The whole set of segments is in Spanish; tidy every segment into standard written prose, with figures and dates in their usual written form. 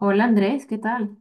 Hola Andrés, ¿qué tal?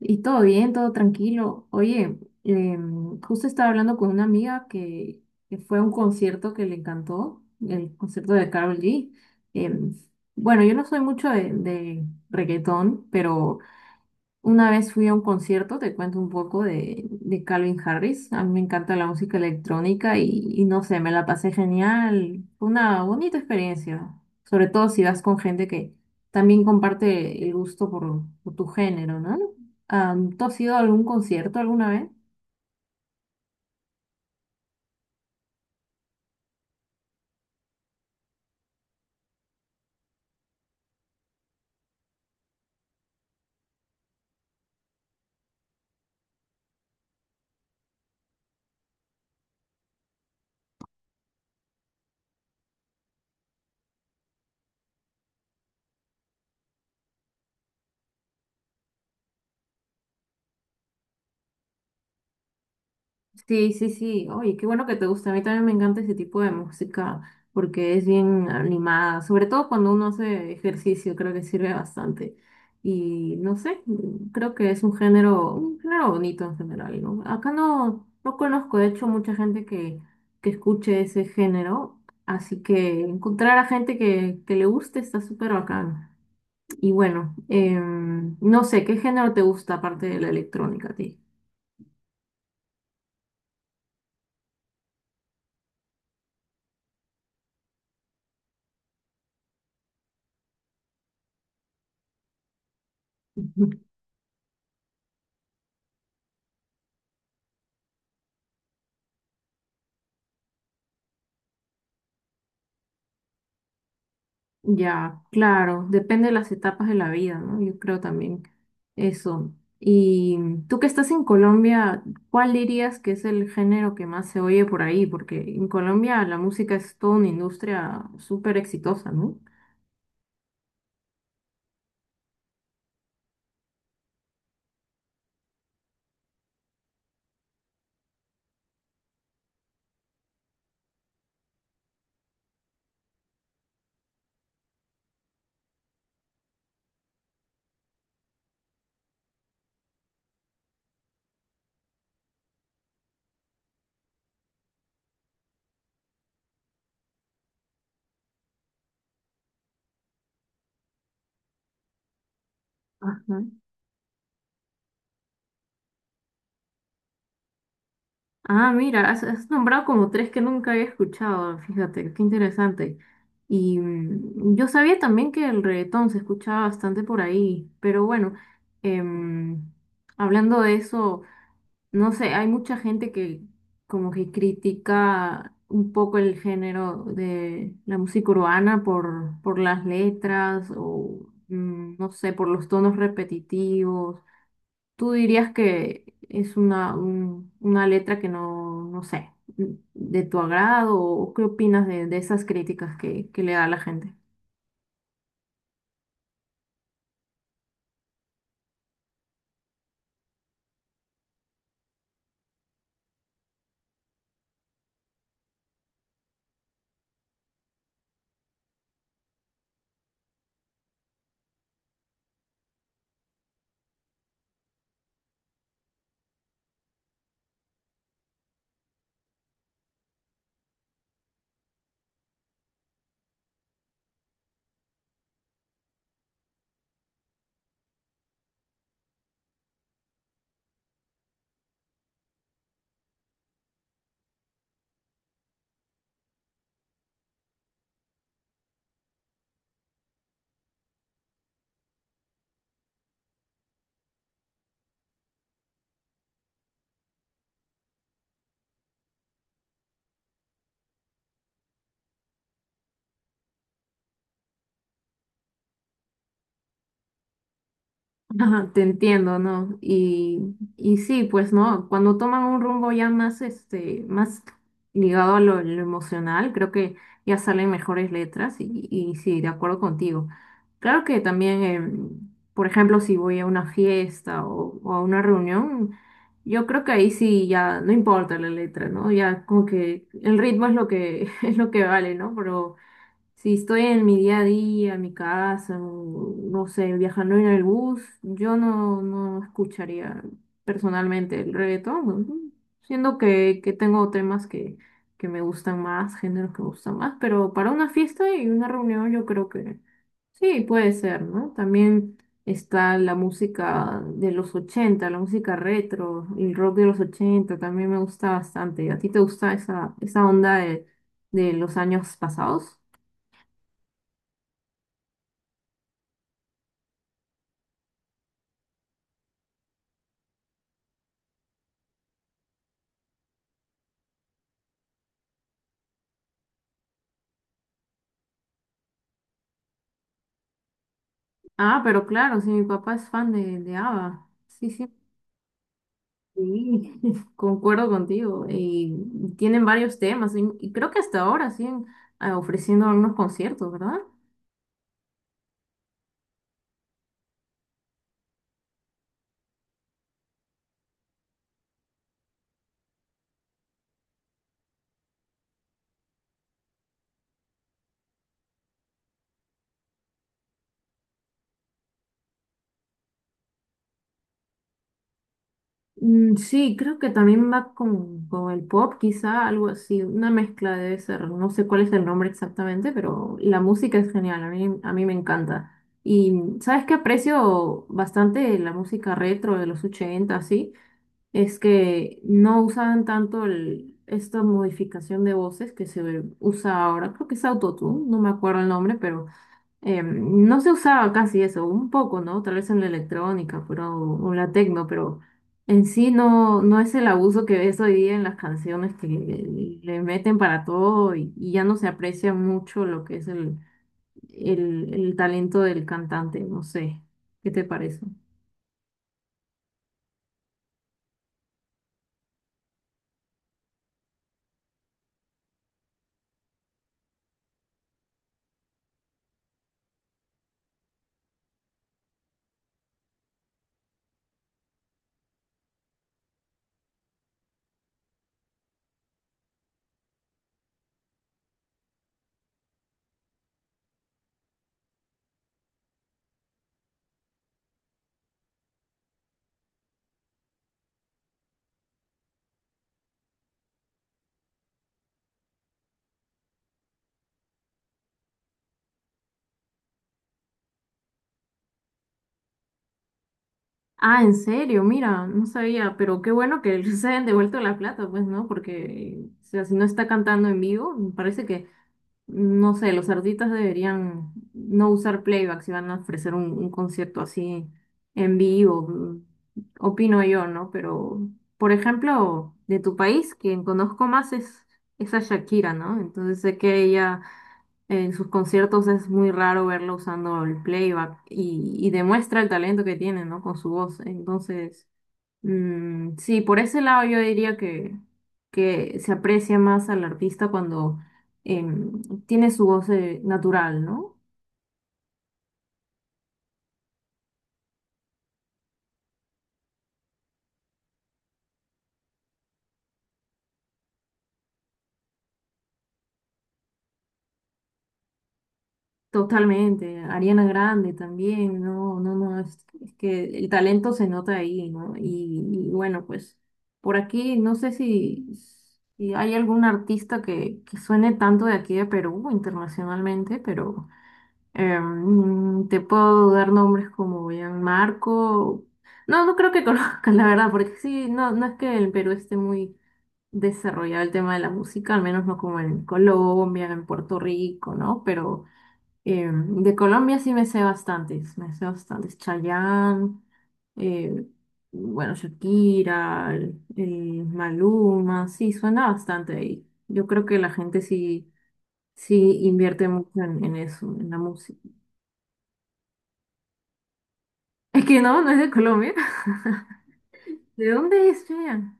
¿Y todo bien, todo tranquilo? Oye, justo estaba hablando con una amiga que fue a un concierto que le encantó, el concierto de Karol G. Em, bueno, yo no soy mucho de reggaetón, pero una vez fui a un concierto, te cuento un poco de Calvin Harris. A mí me encanta la música electrónica y no sé, me la pasé genial. Fue una bonita experiencia, sobre todo si vas con gente que también comparte el gusto por tu género, ¿no? ¿Tú has ido a algún concierto alguna vez? Sí, sí, sí. Oye, qué bueno que te gusta. A mí también me encanta ese tipo de música porque es bien animada. Sobre todo cuando uno hace ejercicio, creo que sirve bastante. Y no sé, creo que es un género bonito en general, ¿no? Acá no, no conozco, de hecho, mucha gente que escuche ese género. Así que encontrar a gente que le guste está súper bacán. Y bueno, no sé, ¿qué género te gusta aparte de la electrónica a ti? Ya, claro, depende de las etapas de la vida, ¿no? Yo creo también eso. Y tú que estás en Colombia, ¿cuál dirías que es el género que más se oye por ahí? Porque en Colombia la música es toda una industria súper exitosa, ¿no? Ajá. Ah, mira, has, has nombrado como tres que nunca había escuchado, fíjate, qué interesante. Y mm, yo sabía también que el reggaetón se escuchaba bastante por ahí, pero bueno, em, hablando de eso. No sé, hay mucha gente que como que critica un poco el género de la música urbana por las letras o no sé, por los tonos repetitivos. ¿Tú dirías que es una, una letra que no, no sé, mm, de tu agrado o qué opinas de esas críticas que le da la gente? Ajá, te entiendo, ¿no? Y sí, pues no, cuando toman un rumbo ya más, este, más ligado a lo emocional, creo que ya salen mejores letras y sí, de acuerdo contigo. Claro que también, por ejemplo, si voy a una fiesta o a una reunión, yo creo que ahí sí ya no importa la letra, ¿no? Ya como que el ritmo es lo que, es lo que vale, ¿no? Pero si estoy en mi día a día, en mi casa, o, no sé, viajando en el bus, yo no, no escucharía personalmente el reggaetón, ujú. Siendo que tengo temas que me gustan más, géneros que me gustan más, pero para una fiesta y una reunión yo creo que sí, puede ser, ¿no? También está la música de los 80, la música retro, el rock de los 80 también me gusta bastante. ¿A ti te gusta esa, esa onda de los años pasados? Ah, pero claro, sí, mi papá es fan de ABBA. Sí, sí, sí, concuerdo contigo. Y tienen varios temas y creo que hasta ahora siguen ah, ofreciendo algunos conciertos, ¿verdad? Mm, sí, creo que también va con el pop, quizá algo así, una mezcla debe ser. No sé cuál es el nombre exactamente, pero la música es genial, a mí me encanta. Y sabes que aprecio bastante la música retro de los 80, sí. Es que no usaban tanto esta modificación de voces que se usa ahora, creo que es autotune, no me acuerdo el nombre, pero no se usaba casi eso, un poco, ¿no? Tal vez en la electrónica, pero, o la tecno, pero en sí no, no es el abuso que ves hoy día en las canciones que le meten para todo y ya no se aprecia mucho lo que es el talento del cantante, no sé, ¿qué te parece? Ah, en serio, mira, no sabía, pero qué bueno que se hayan devuelto la plata, pues, ¿no? Porque, o sea, si no está cantando en vivo, me parece que, no sé, los artistas deberían no usar playback si van a ofrecer un concierto así en vivo, mm, opino yo, ¿no? Pero, por ejemplo, de tu país, quien conozco más es a Shakira, ¿no? Entonces sé que ella en sus conciertos es muy raro verlo usando el playback y demuestra el talento que tiene, ¿no? Con su voz. Entonces, mm, sí, por ese lado yo diría que se aprecia más al artista cuando tiene su voz natural, ¿no? Totalmente, Ariana Grande también, no, no, no, es que el talento se nota ahí, ¿no? Y bueno, pues por aquí no sé si, si hay algún artista que suene tanto de aquí de Perú internacionalmente, pero te puedo dar nombres como Marco, no, no creo que conozcas la verdad, porque sí, no, no es que el Perú esté muy desarrollado el tema de la música, al menos no como en Colombia, en Puerto Rico, ¿no? Pero... de Colombia sí me sé bastantes, me sé bastantes. Chayanne, eh, bueno, Shakira, el Maluma, sí, suena bastante ahí. Yo creo que la gente sí, sí invierte mucho en eso, en la música. Es que no, no es de Colombia. ¿De dónde es Chayanne?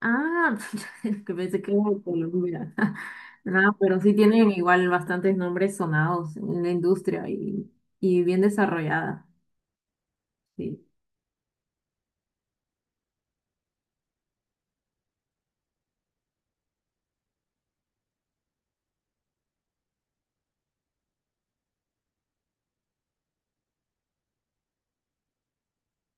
Ah, que pensé que era de Colombia. No, pero sí tienen igual bastantes nombres sonados en la industria y bien desarrollada. Sí.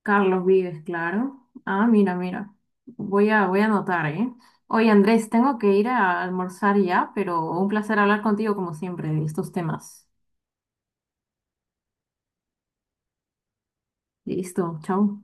Carlos Vives, claro. Ah, mira, mira. Voy a, voy a anotar, ¿eh? Oye, Andrés, tengo que ir a almorzar ya, pero un placer hablar contigo como siempre de estos temas. Listo, chao.